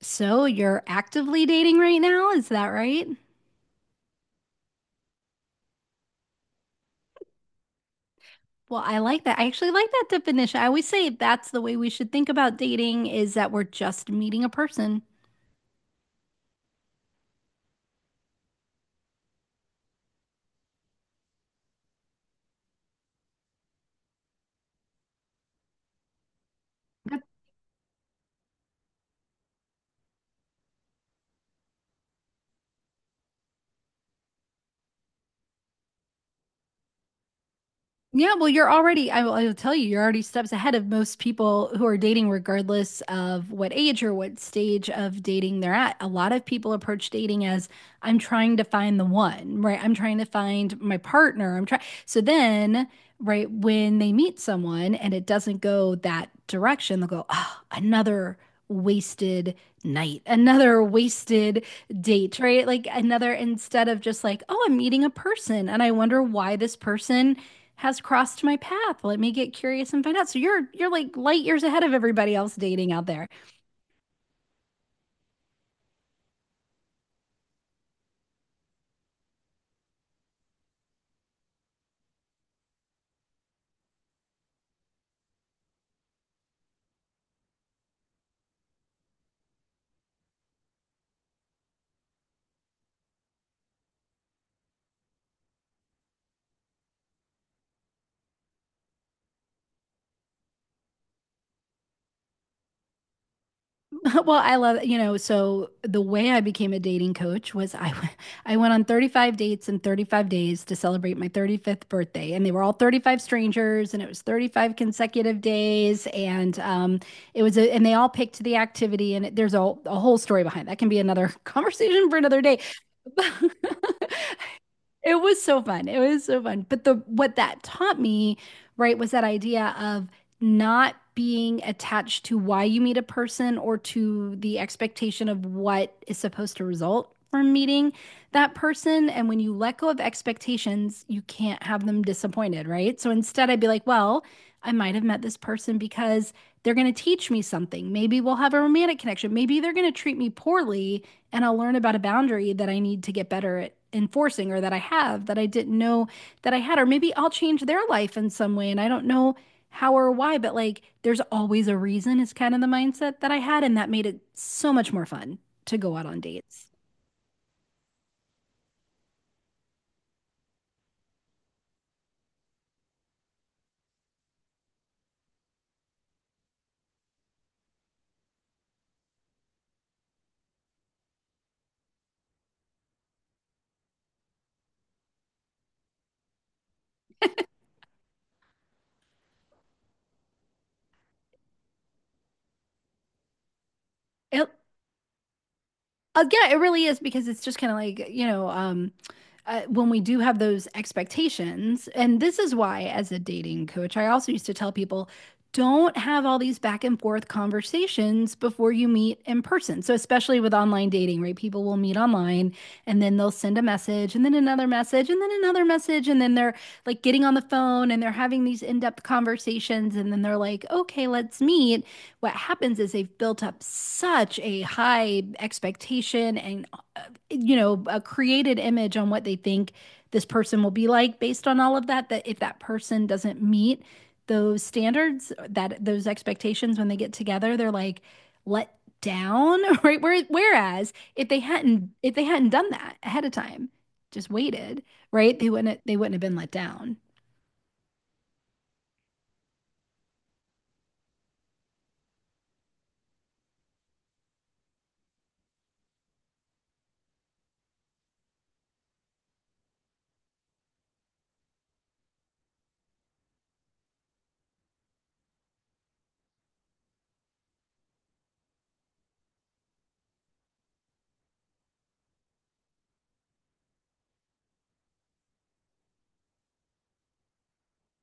So you're actively dating right now, is that right? Well, I like that. I actually like that definition. I always say that's the way we should think about dating is that we're just meeting a person. Yeah, well, you're already, I will tell you, you're already steps ahead of most people who are dating, regardless of what age or what stage of dating they're at. A lot of people approach dating as I'm trying to find the one, right? I'm trying to find my partner. I'm trying. So then, right, when they meet someone and it doesn't go that direction, they'll go, oh, another wasted night, another wasted date, right? Like another, instead of just like, oh, I'm meeting a person and I wonder why this person has crossed my path. Let me get curious and find out. So you're like light years ahead of everybody else dating out there. Well, I love. So the way I became a dating coach was I I went on 35 dates in 35 days to celebrate my 35th birthday, and they were all 35 strangers, and it was 35 consecutive days, and it was and they all picked the activity, and there's a whole story behind that. Can be another conversation for another day. It was so fun. It was so fun. But the what that taught me, right, was that idea of not being attached to why you meet a person or to the expectation of what is supposed to result from meeting that person. And when you let go of expectations, you can't have them disappointed, right? So instead, I'd be like, well, I might have met this person because they're going to teach me something. Maybe we'll have a romantic connection. Maybe they're going to treat me poorly and I'll learn about a boundary that I need to get better at enforcing or that I have that I didn't know that I had. Or maybe I'll change their life in some way and I don't know how or why, but like there's always a reason is kind of the mindset that I had. And that made it so much more fun to go out on dates. It yeah, it really is because it's just kind of like, you know, when we do have those expectations, and this is why, as a dating coach, I also used to tell people don't have all these back and forth conversations before you meet in person. So, especially with online dating, right? People will meet online and then they'll send a message and then another message and then another message. And then they're like getting on the phone and they're having these in-depth conversations. And then they're like, okay, let's meet what happens is they've built up such a high expectation and, uh, you know, a created image on what they think this person will be like based on all of that, that if that person doesn't meet those standards, that those expectations when they get together, they're like let down, right? Whereas if they hadn't done that ahead of time, just waited, right? They wouldn't have been let down.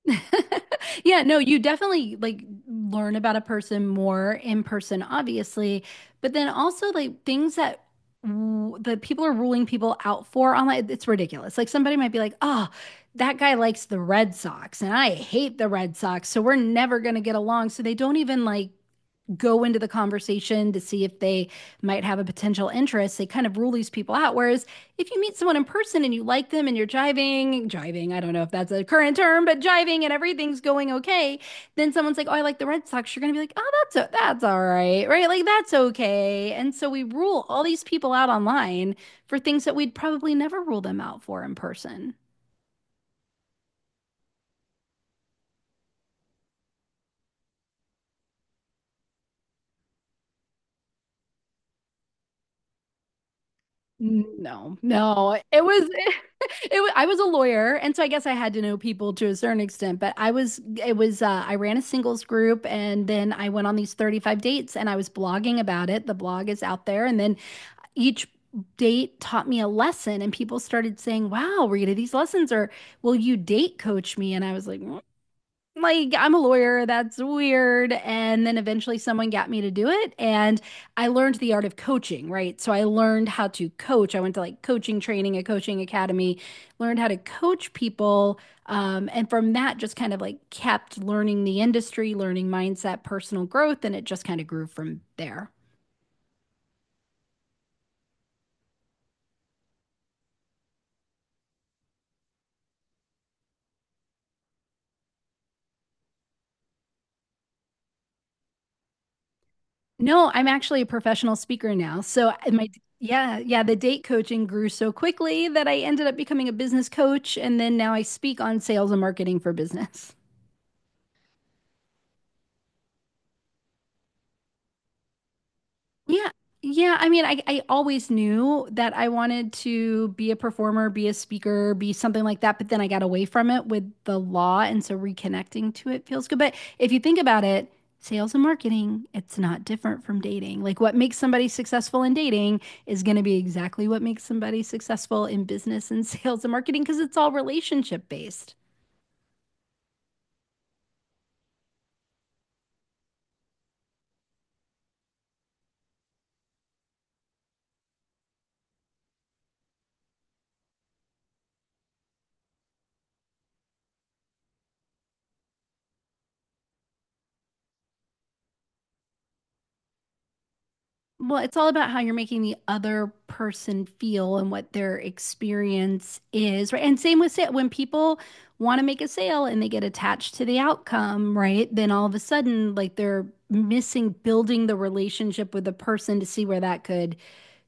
Yeah, no, you definitely like learn about a person more in person, obviously, but then also like things that the people are ruling people out for online, it's ridiculous. Like somebody might be like, "Oh, that guy likes the Red Sox and I hate the Red Sox, so we're never going to get along." So they don't even like go into the conversation to see if they might have a potential interest. They kind of rule these people out. Whereas if you meet someone in person and you like them and you're jiving, I don't know if that's a current term, but jiving and everything's going okay, then someone's like, oh, I like the Red Sox. You're going to be like, oh, that's all right, right? Like, that's okay. And so we rule all these people out online for things that we'd probably never rule them out for in person. Mm, no, no. It was I was a lawyer, and so I guess I had to know people to a certain extent, but I was it was I ran a singles group and then I went on these 35 dates and I was blogging about it. The blog is out there and then each date taught me a lesson and people started saying, "Wow, Rita, these lessons are will you date coach me?" And I was like, "Mm, like, I'm a lawyer, that's weird. And then eventually someone got me to do it. And I learned the art of coaching, right? So I learned how to coach. I went to like coaching training, a coaching academy, learned how to coach people. And from that, just kind of like kept learning the industry, learning mindset, personal growth. And it just kind of grew from there. No, I'm actually a professional speaker now. So the date coaching grew so quickly that I ended up becoming a business coach and then now I speak on sales and marketing for business. Yeah. Yeah. I mean, I always knew that I wanted to be a performer, be a speaker, be something like that. But then I got away from it with the law. And so reconnecting to it feels good. But if you think about it, sales and marketing, it's not different from dating. Like what makes somebody successful in dating is going to be exactly what makes somebody successful in business and sales and marketing because it's all relationship based. Well, it's all about how you're making the other person feel and what their experience is, right? And same with sale. When people want to make a sale and they get attached to the outcome, right? Then all of a sudden, like they're missing building the relationship with the person to see where that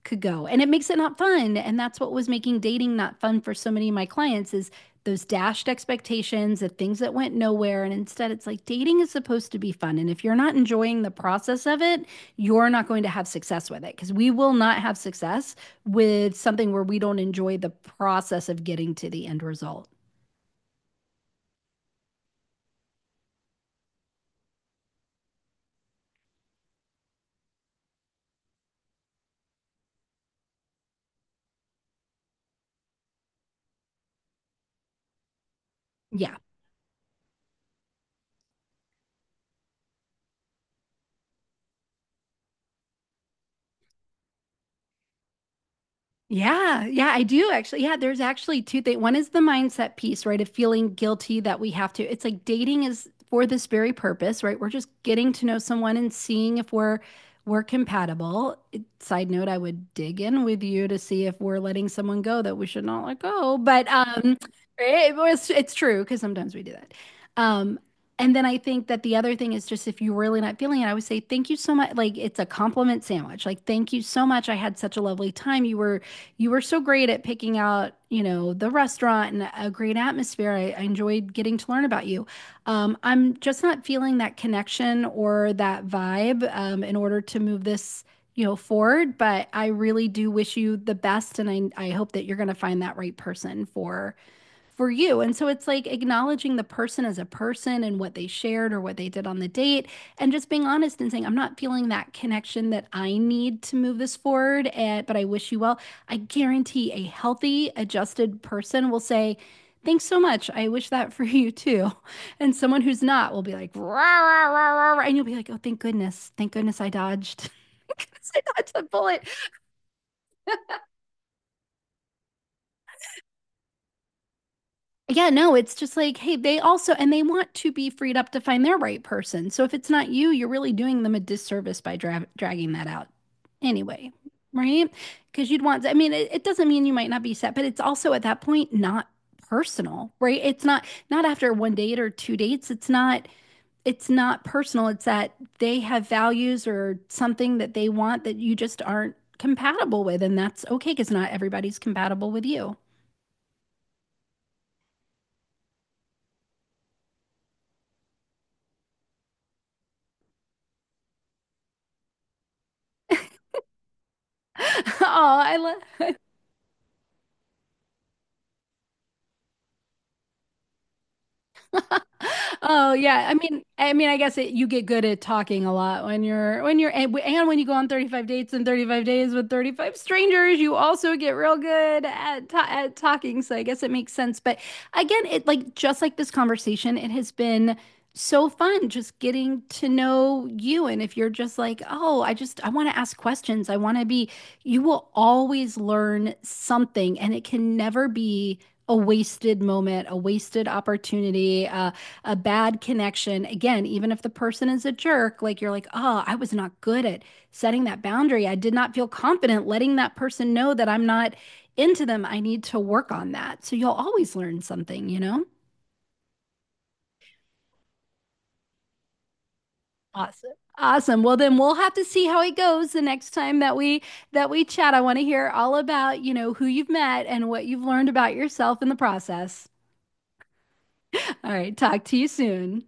could go. And it makes it not fun. And that's what was making dating not fun for so many of my clients is those dashed expectations, the things that went nowhere. And instead, it's like dating is supposed to be fun. And if you're not enjoying the process of it, you're not going to have success with it because we will not have success with something where we don't enjoy the process of getting to the end result. Yeah. Yeah, yeah, I do actually. Yeah, there's actually two things. One is the mindset piece, right? Of feeling guilty that we have to. It's like dating is for this very purpose, right? We're just getting to know someone and seeing if we're compatible. It- Side note, I would dig in with you to see if we're letting someone go that we should not let go. But it's true because sometimes we do that. Um, and then I think that the other thing is just if you're really not feeling it, I would say thank you so much. Like it's a compliment sandwich. Like thank you so much. I had such a lovely time. You were so great at picking out, you know, the restaurant and a great atmosphere. I enjoyed getting to learn about you. I'm just not feeling that connection or that vibe in order to move this, you know, forward. But I really do wish you the best, and I hope that you're going to find that right person for you. And so it's like acknowledging the person as a person and what they shared or what they did on the date, and just being honest and saying, I'm not feeling that connection that I need to move this forward, and, but I wish you well. I guarantee a healthy, adjusted person will say, thanks so much. I wish that for you too. And someone who's not will be like, rah, rah, rah, rah, rah," and you'll be like, oh, thank goodness. Thank goodness I dodged. Thank goodness I dodged the bullet. Yeah, no, it's just like, hey, they also, and they want to be freed up to find their right person. So if it's not you, you're really doing them a disservice by dragging that out anyway, right? Because you'd want, I mean, it doesn't mean you might not be set, but it's also at that point not personal, right? It's not, not after one date or two dates. It's not personal. It's that they have values or something that they want that you just aren't compatible with. And that's okay because not everybody's compatible with you. Oh, I love. Oh yeah, I mean, I guess it, you get good at talking a lot when you're and when you go on 35 dates and 35 days with 35 strangers, you also get real good at ta at talking. So I guess it makes sense. But again, it like just like this conversation, it has been so fun just getting to know you. And if you're just like, oh, I want to ask questions, I want to be, you will always learn something, and it can never be. A wasted moment, a wasted opportunity. A bad connection again, even if the person is a jerk, like you're like, oh, I was not good at setting that boundary. I did not feel confident letting that person know that I'm not into them. I need to work on that. So you'll always learn something, you know. Awesome. Awesome. Well then we'll have to see how it goes the next time that we chat. I want to hear all about, you know, who you've met and what you've learned about yourself in the process. All right, talk to you soon.